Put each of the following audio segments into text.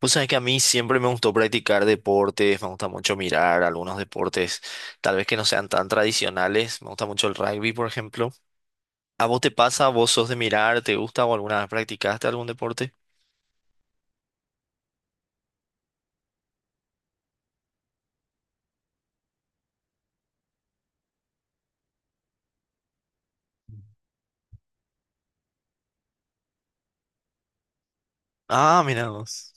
Pues sabes que a mí siempre me gustó practicar deportes, me gusta mucho mirar algunos deportes, tal vez que no sean tan tradicionales, me gusta mucho el rugby, por ejemplo. ¿A vos te pasa? ¿Vos sos de mirar? ¿Te gusta o alguna vez practicaste algún deporte? Ah, mira vos.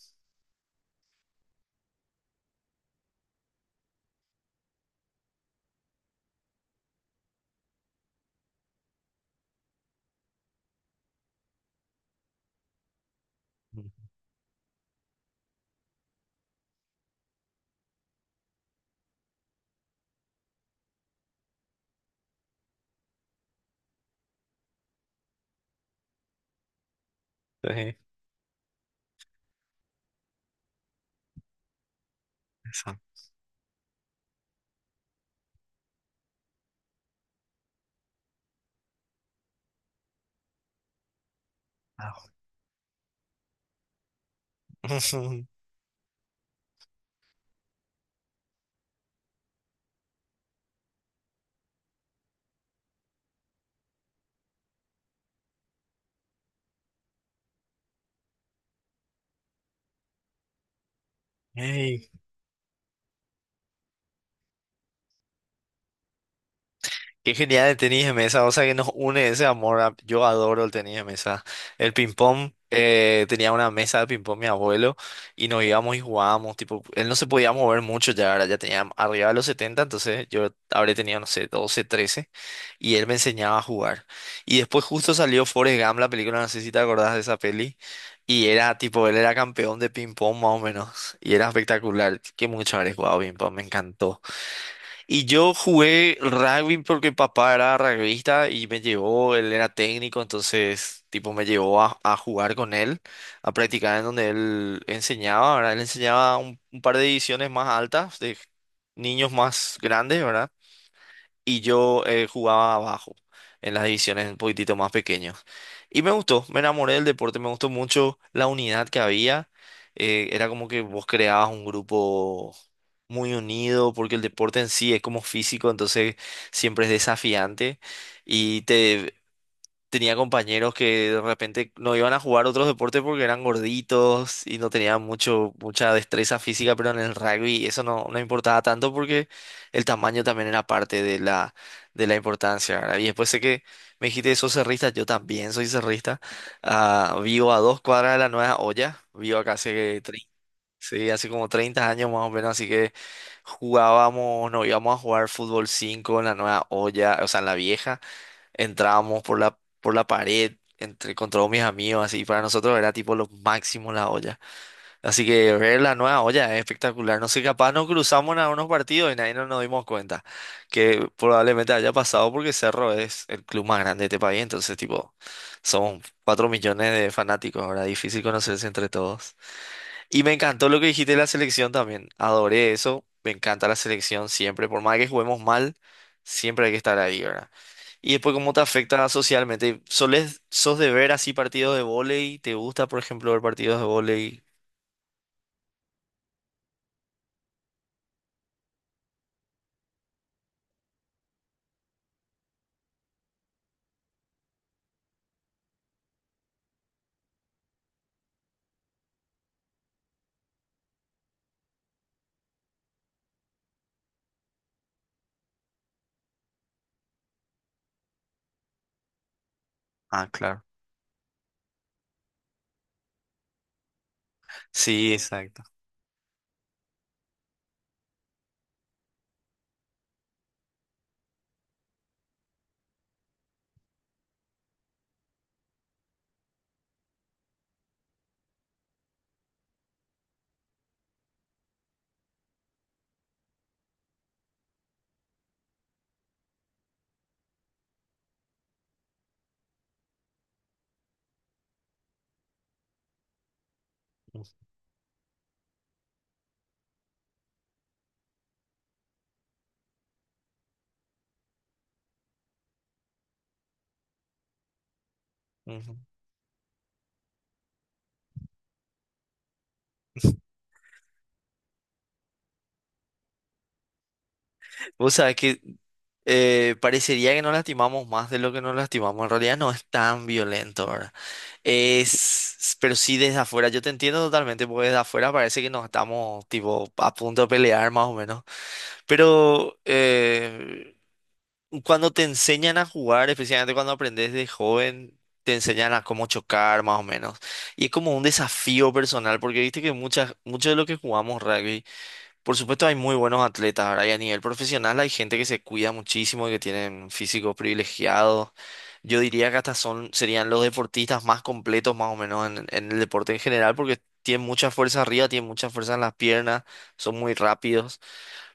Ujú. Sí, eso. Ah. Qué genial el tenis de mesa, o sea que nos une ese amor. Yo adoro el tenis de mesa. El ping-pong, tenía una mesa de ping-pong mi abuelo y nos íbamos y jugábamos. Tipo, él no se podía mover mucho ya, ahora ya tenía arriba de los 70, entonces yo habré tenido, no sé, 12 13, y él me enseñaba a jugar. Y después justo salió Forrest Gump, la película, no sé si te acordás de esa peli, y era tipo, él era campeón de ping-pong más o menos y era espectacular. Qué mucho haber jugado ping-pong, me encantó. Y yo jugué rugby porque papá era rugbyista y me llevó, él era técnico, entonces tipo me llevó a jugar con él, a practicar en donde él enseñaba, ¿verdad? Él enseñaba un par de divisiones más altas, de niños más grandes, ¿verdad? Y yo jugaba abajo, en las divisiones un poquitito más pequeños. Y me gustó, me enamoré del deporte, me gustó mucho la unidad que había. Era como que vos creabas un grupo muy unido, porque el deporte en sí es como físico, entonces siempre es desafiante y te tenía compañeros que de repente no iban a jugar otros deportes porque eran gorditos y no tenían mucha destreza física, pero en el rugby eso no, no importaba tanto porque el tamaño también era parte de de la importancia, ¿verdad? Y después sé que me dijiste, sos cerrista, yo también soy cerrista. Ah, vivo a dos cuadras de la Nueva Olla, vivo acá hace, sí, hace como 30 años más o menos, así que jugábamos, no íbamos a jugar fútbol 5 en la Nueva Olla, o sea, en la vieja. Entrábamos por por la pared entre, con todos mis amigos, así. Para nosotros era tipo lo máximo la olla. Así que ver la nueva olla es espectacular. No sé, capaz nos cruzamos en algunos partidos y nadie no nos dimos cuenta. Que probablemente haya pasado porque Cerro es el club más grande de este país. Entonces, tipo, somos 4 millones de fanáticos. Ahora difícil conocerse entre todos. Y me encantó lo que dijiste de la selección también. Adoré eso. Me encanta la selección siempre. Por más que juguemos mal, siempre hay que estar ahí, ¿verdad? Y después, ¿cómo te afecta socialmente? Sos de ver así partidos de vóley? ¿Te gusta, por ejemplo, ver partidos de vóley? Ah, claro. Sí, exacto. Ujú. Vos sabés que parecería que nos lastimamos más de lo que nos lastimamos. En realidad no es tan violento, ¿verdad? Es, pero sí desde afuera, yo te entiendo totalmente, porque desde afuera parece que nos estamos tipo a punto de pelear más o menos. Pero cuando te enseñan a jugar, especialmente cuando aprendes de joven, te enseñan a cómo chocar más o menos. Y es como un desafío personal, porque viste que muchos de los que jugamos rugby, por supuesto hay muy buenos atletas, ahora y a nivel profesional hay gente que se cuida muchísimo y que tienen físicos privilegiados. Yo diría que hasta serían los deportistas más completos más o menos en el deporte en general, porque tienen mucha fuerza arriba, tienen mucha fuerza en las piernas, son muy rápidos.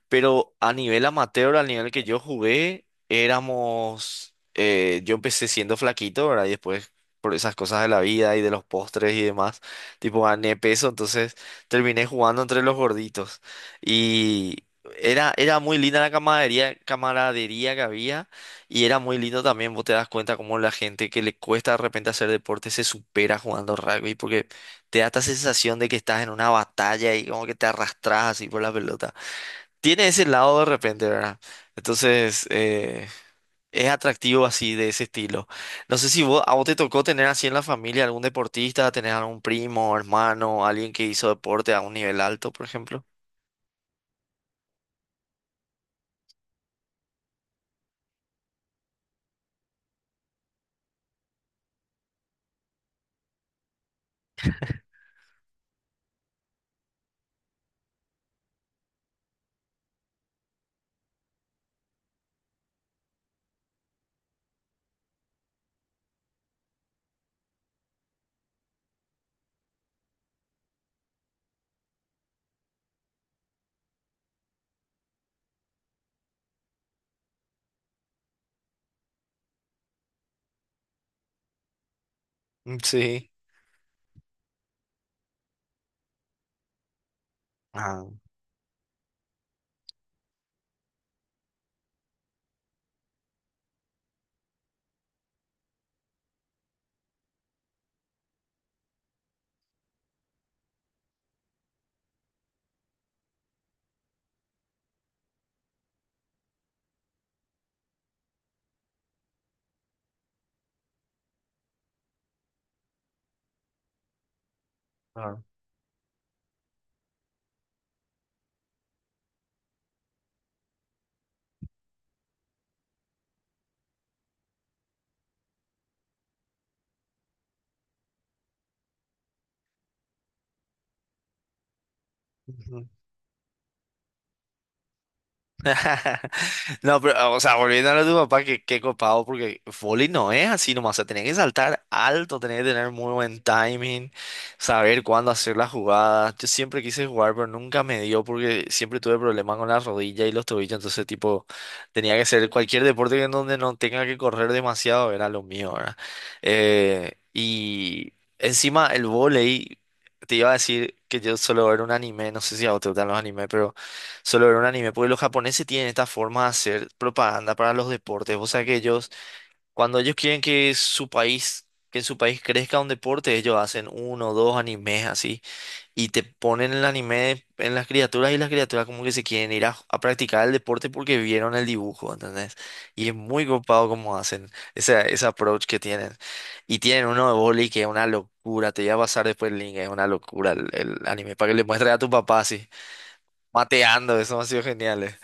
Pero a nivel amateur, al nivel que yo jugué, éramos... yo empecé siendo flaquito, ¿verdad? Y después, por esas cosas de la vida y de los postres y demás, tipo gané peso, entonces terminé jugando entre los gorditos. Y era muy linda la camaradería, camaradería que había y era muy lindo también, vos te das cuenta cómo la gente que le cuesta de repente hacer deporte se supera jugando rugby porque te da esta sensación de que estás en una batalla y como que te arrastras así por la pelota, tiene ese lado de repente, ¿verdad? Entonces, es atractivo así de ese estilo. No sé si vos, a vos te tocó tener así en la familia algún deportista, tener algún primo, hermano, alguien que hizo deporte a un nivel alto, por ejemplo. Mm, sí. Ah, claro. No, pero, o sea, volviendo a lo de tu papá, que qué copado, porque vóley no es así nomás, o sea, tenés que saltar alto, tenés que tener muy buen timing, saber cuándo hacer las jugadas. Yo siempre quise jugar, pero nunca me dio porque siempre tuve problemas con la rodilla y los tobillos, entonces, tipo, tenía que hacer cualquier deporte que en donde no tenga que correr demasiado, era lo mío, ¿verdad? Y encima el vóley, te iba a decir que yo solo ver un anime, no sé si a vos te gustan los animes, solo ver un anime, porque los japoneses tienen esta forma de hacer propaganda para los deportes. O sea que ellos, cuando ellos quieren que su país, que en su país crezca un deporte, ellos hacen uno o dos animes así y te ponen el anime en las criaturas y las criaturas como que se quieren ir a practicar el deporte porque vieron el dibujo, ¿entendés? Y es muy copado como hacen ese approach que tienen. Y tienen uno de boli que es una locura, te voy a pasar después el link, es una locura el anime, para que le muestres a tu papá así, mateando, eso ha sido genial.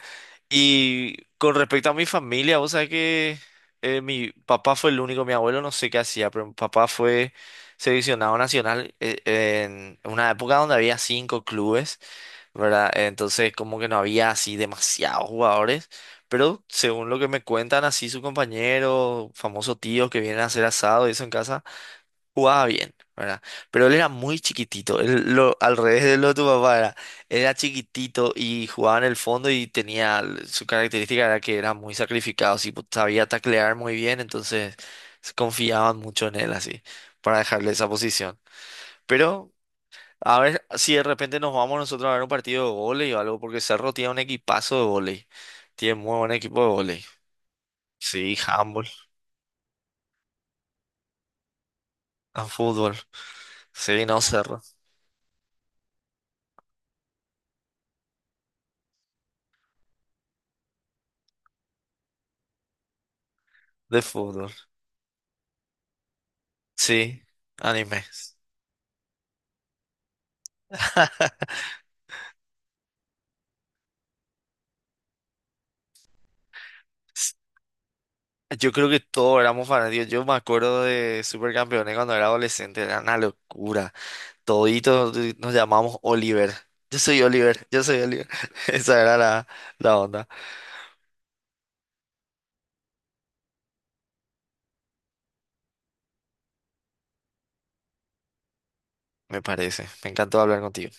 Y con respecto a mi familia, vos sabés que mi papá fue el único, mi abuelo no sé qué hacía, pero mi papá fue seleccionado nacional en una época donde había 5 clubes, ¿verdad? Entonces como que no había así demasiados jugadores, pero según lo que me cuentan así su compañero, famoso tío que vienen a hacer asado y eso en casa, jugaba bien, ¿verdad? Pero él era muy chiquitito, él, lo, al revés de lo de tu papá era, era chiquitito y jugaba en el fondo y tenía, su característica era que era muy sacrificado, sí, pues, sabía taclear muy bien, entonces se confiaban mucho en él así, para dejarle esa posición. Pero a ver si de repente nos vamos nosotros a ver un partido de vóley o algo, porque Cerro tiene un equipazo de vóley, tiene muy buen equipo de vóley. Sí, handball, a fútbol. Sí, no, Cerro, de fútbol. Sí, anime. Yo creo que todos éramos fanáticos. Yo me acuerdo de Supercampeones cuando era adolescente, era una locura. Toditos nos llamamos Oliver. Yo soy Oliver, yo soy Oliver. Esa era la, la onda, me parece. Me encantó hablar contigo.